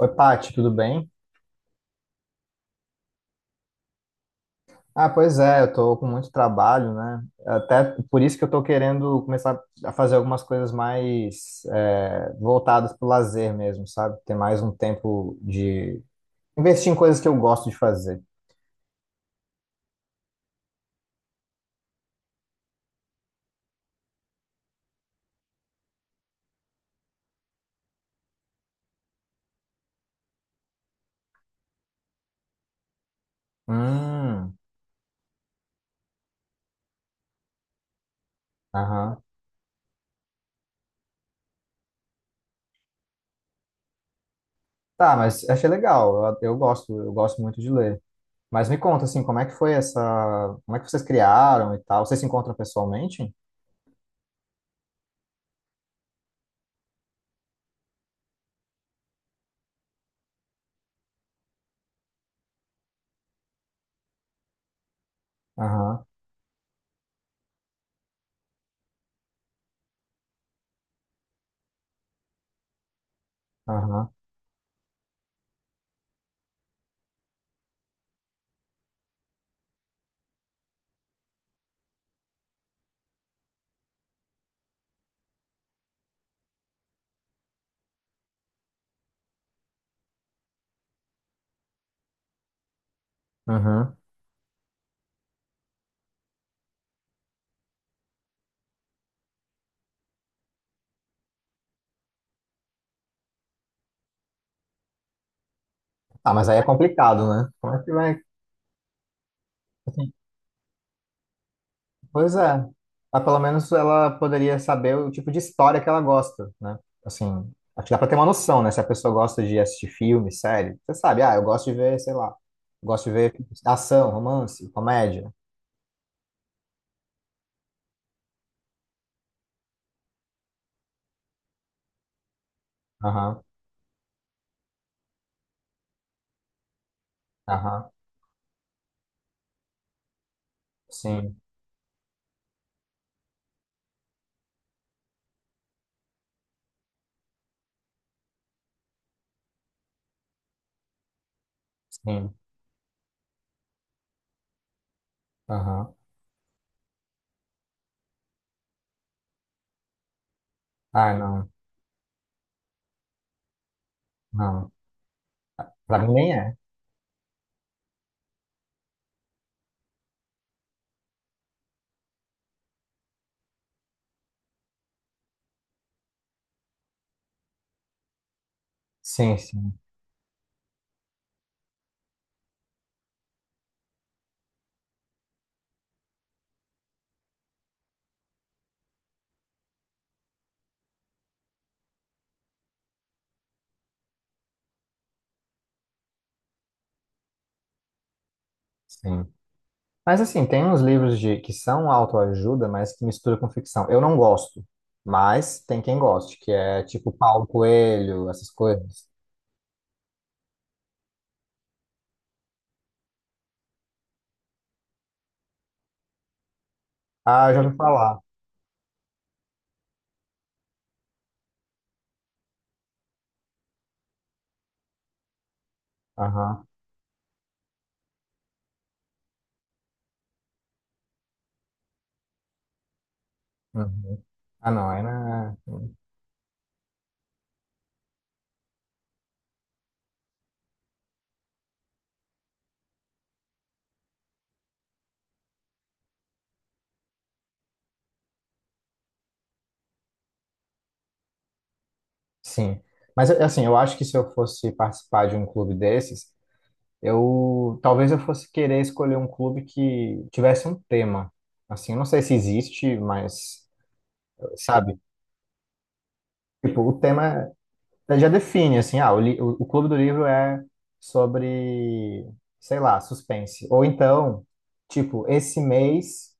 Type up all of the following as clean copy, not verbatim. Oi, Paty, tudo bem? Ah, pois é, eu tô com muito trabalho, né? Até por isso que eu tô querendo começar a fazer algumas coisas mais voltadas pro lazer mesmo, sabe? Ter mais um tempo de investir em coisas que eu gosto de fazer. Hum, aham. Tá, mas achei legal. Eu gosto muito de ler. Mas me conta, assim, como é que foi essa... Como é que vocês criaram e tal? Vocês se encontram pessoalmente? Aham, aham, aham. Ah, mas aí é complicado, né? Como é que vai? Pois é. Mas pelo menos ela poderia saber o tipo de história que ela gosta, né? Assim, acho que dá pra ter uma noção, né? Se a pessoa gosta de assistir filme, série, você sabe, ah, eu gosto de ver, sei lá, gosto de ver ação, romance, comédia. Aham, aham, sim, sim. Aham. Ah, não, não. Pra mim nem é. Sim, sim, sim. Mas assim, tem uns livros de que são autoajuda, mas que misturam com ficção. Eu não gosto, mas tem quem goste, que é tipo Paulo Coelho, essas coisas. Ah, eu já ouvi falar. Aham. Uhum. Ah, não, é não é. Sim. Mas assim, eu acho que se eu fosse participar de um clube desses, eu talvez eu fosse querer escolher um clube que tivesse um tema. Assim, eu não sei se existe, mas sabe? Tipo, o tema já define, assim, ah, o clube do livro é sobre, sei lá, suspense. Ou então, tipo, esse mês,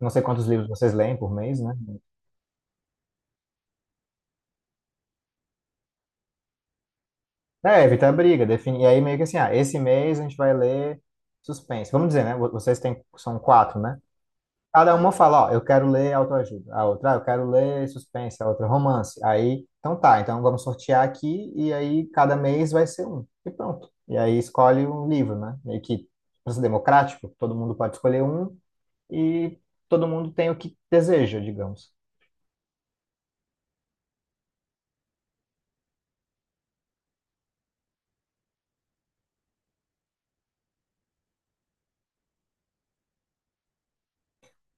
não sei quantos livros vocês leem por mês, né? É, evitar briga, definir. E aí meio que assim, ah, esse mês a gente vai ler suspense. Vamos dizer, né? Vocês têm, são quatro, né? Cada uma fala, ó, eu quero ler autoajuda. A outra, ah, eu quero ler suspense. A outra, romance. Aí, então tá, então vamos sortear aqui e aí cada mês vai ser um. E pronto. E aí escolhe um livro, né? Meio que pra ser democrático, todo mundo pode escolher um e todo mundo tem o que deseja, digamos.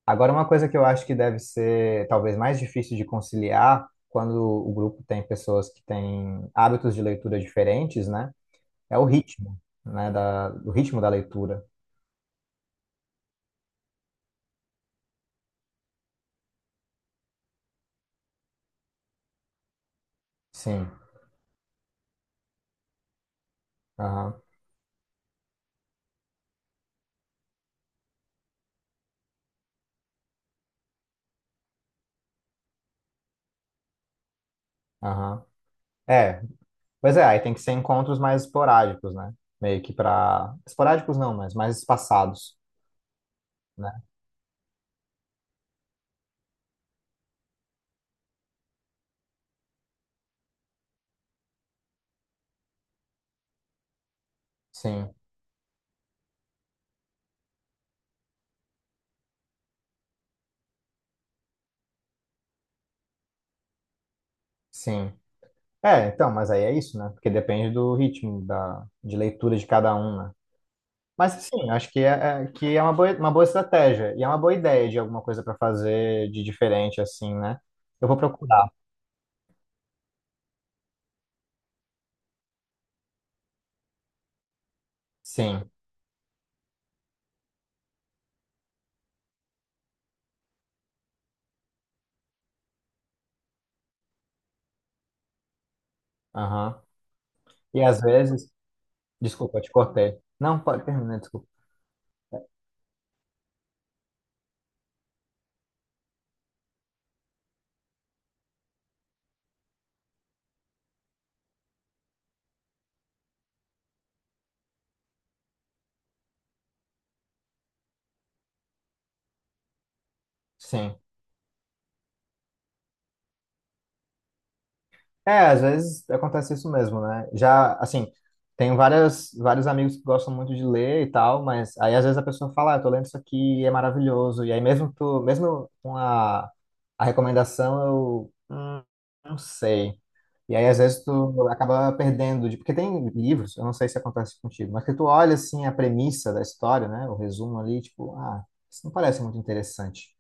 Agora, uma coisa que eu acho que deve ser talvez mais difícil de conciliar quando o grupo tem pessoas que têm hábitos de leitura diferentes, né? É o ritmo, né? Da, o ritmo da leitura. Sim. Aham. Aham. É, pois é, aí tem que ser encontros mais esporádicos, né? Meio que para esporádicos não, mas mais espaçados, né? Sim, sim. É, então, mas aí é isso, né? Porque depende do ritmo da... de leitura de cada um, né? Mas sim, acho que que é uma boa estratégia e é uma boa ideia de alguma coisa para fazer de diferente, assim, né? Eu vou procurar, sim. Aham. E às vezes. Desculpa, te cortei. Não, pode terminar, desculpa. Sim. É, às vezes acontece isso mesmo, né? Já, assim, tenho várias, vários amigos que gostam muito de ler e tal, mas aí às vezes a pessoa fala, ah, eu tô lendo isso aqui e é maravilhoso. E aí mesmo tu, mesmo com a recomendação, eu não sei. E aí às vezes tu acaba perdendo de, porque tem livros, eu não sei se acontece contigo, mas que tu olha assim a premissa da história, né? O resumo ali, tipo, ah, isso não parece muito interessante.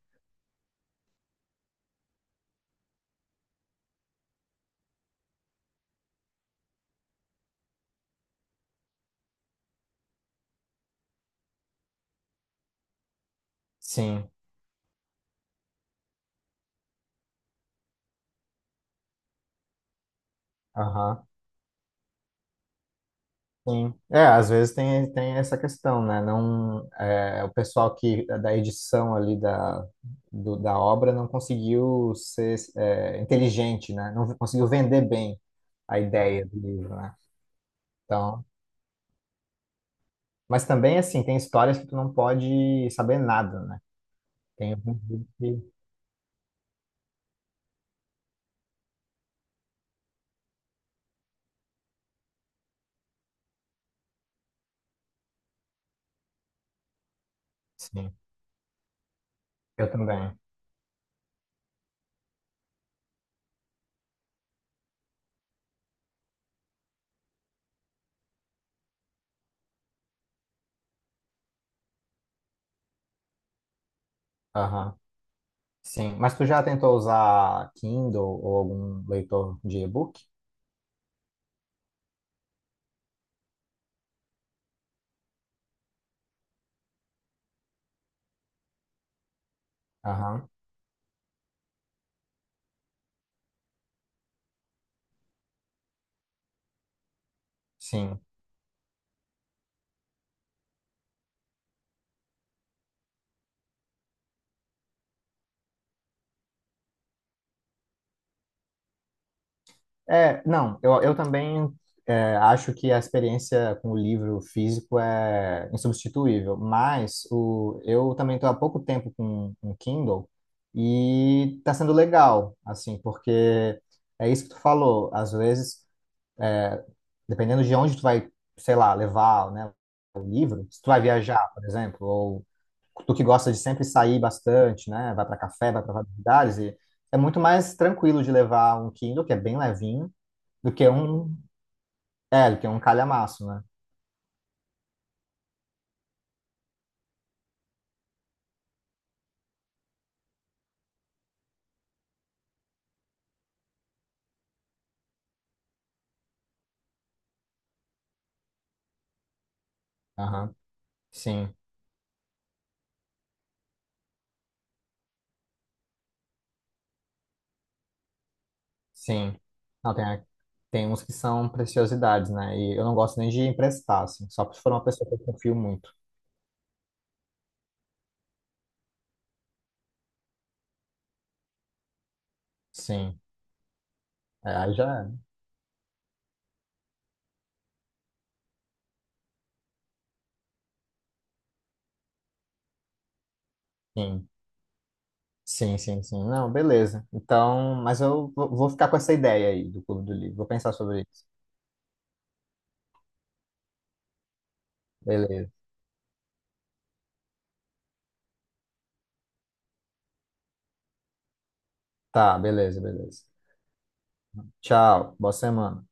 Sim. Aham. Sim. É, às vezes tem, tem essa questão, né? Não, é, o pessoal que da edição ali da, da obra não conseguiu ser inteligente, né? Não conseguiu vender bem a ideia do livro, né? Então, mas também, assim, tem histórias que tu não pode saber nada, né? Tem alguns livros que... Sim, eu também. Aham. Sim, mas tu já tentou usar Kindle ou algum leitor de e-book? Aham. Sim. É, não, eu também acho que a experiência com o livro físico é insubstituível, mas o, eu também estou há pouco tempo com um Kindle e está sendo legal, assim, porque é isso que tu falou, às vezes, dependendo de onde tu vai, sei lá, levar, né, o livro, se tu vai viajar, por exemplo, ou tu que gosta de sempre sair bastante, né, vai para café, vai para vários lugares, e é muito mais tranquilo de levar um Kindle, que é bem levinho, do que um ele tem um calhamaço, né? Aham, sim, sim. Não, tem, tem uns que são preciosidades, né? E eu não gosto nem de emprestar, assim, só se for uma pessoa que eu confio muito. Sim, é, aí já é. Sim, sim. Não, beleza. Então, mas eu vou ficar com essa ideia aí do Clube do Livro. Vou pensar sobre isso. Beleza. Tá, beleza. Tchau, boa semana.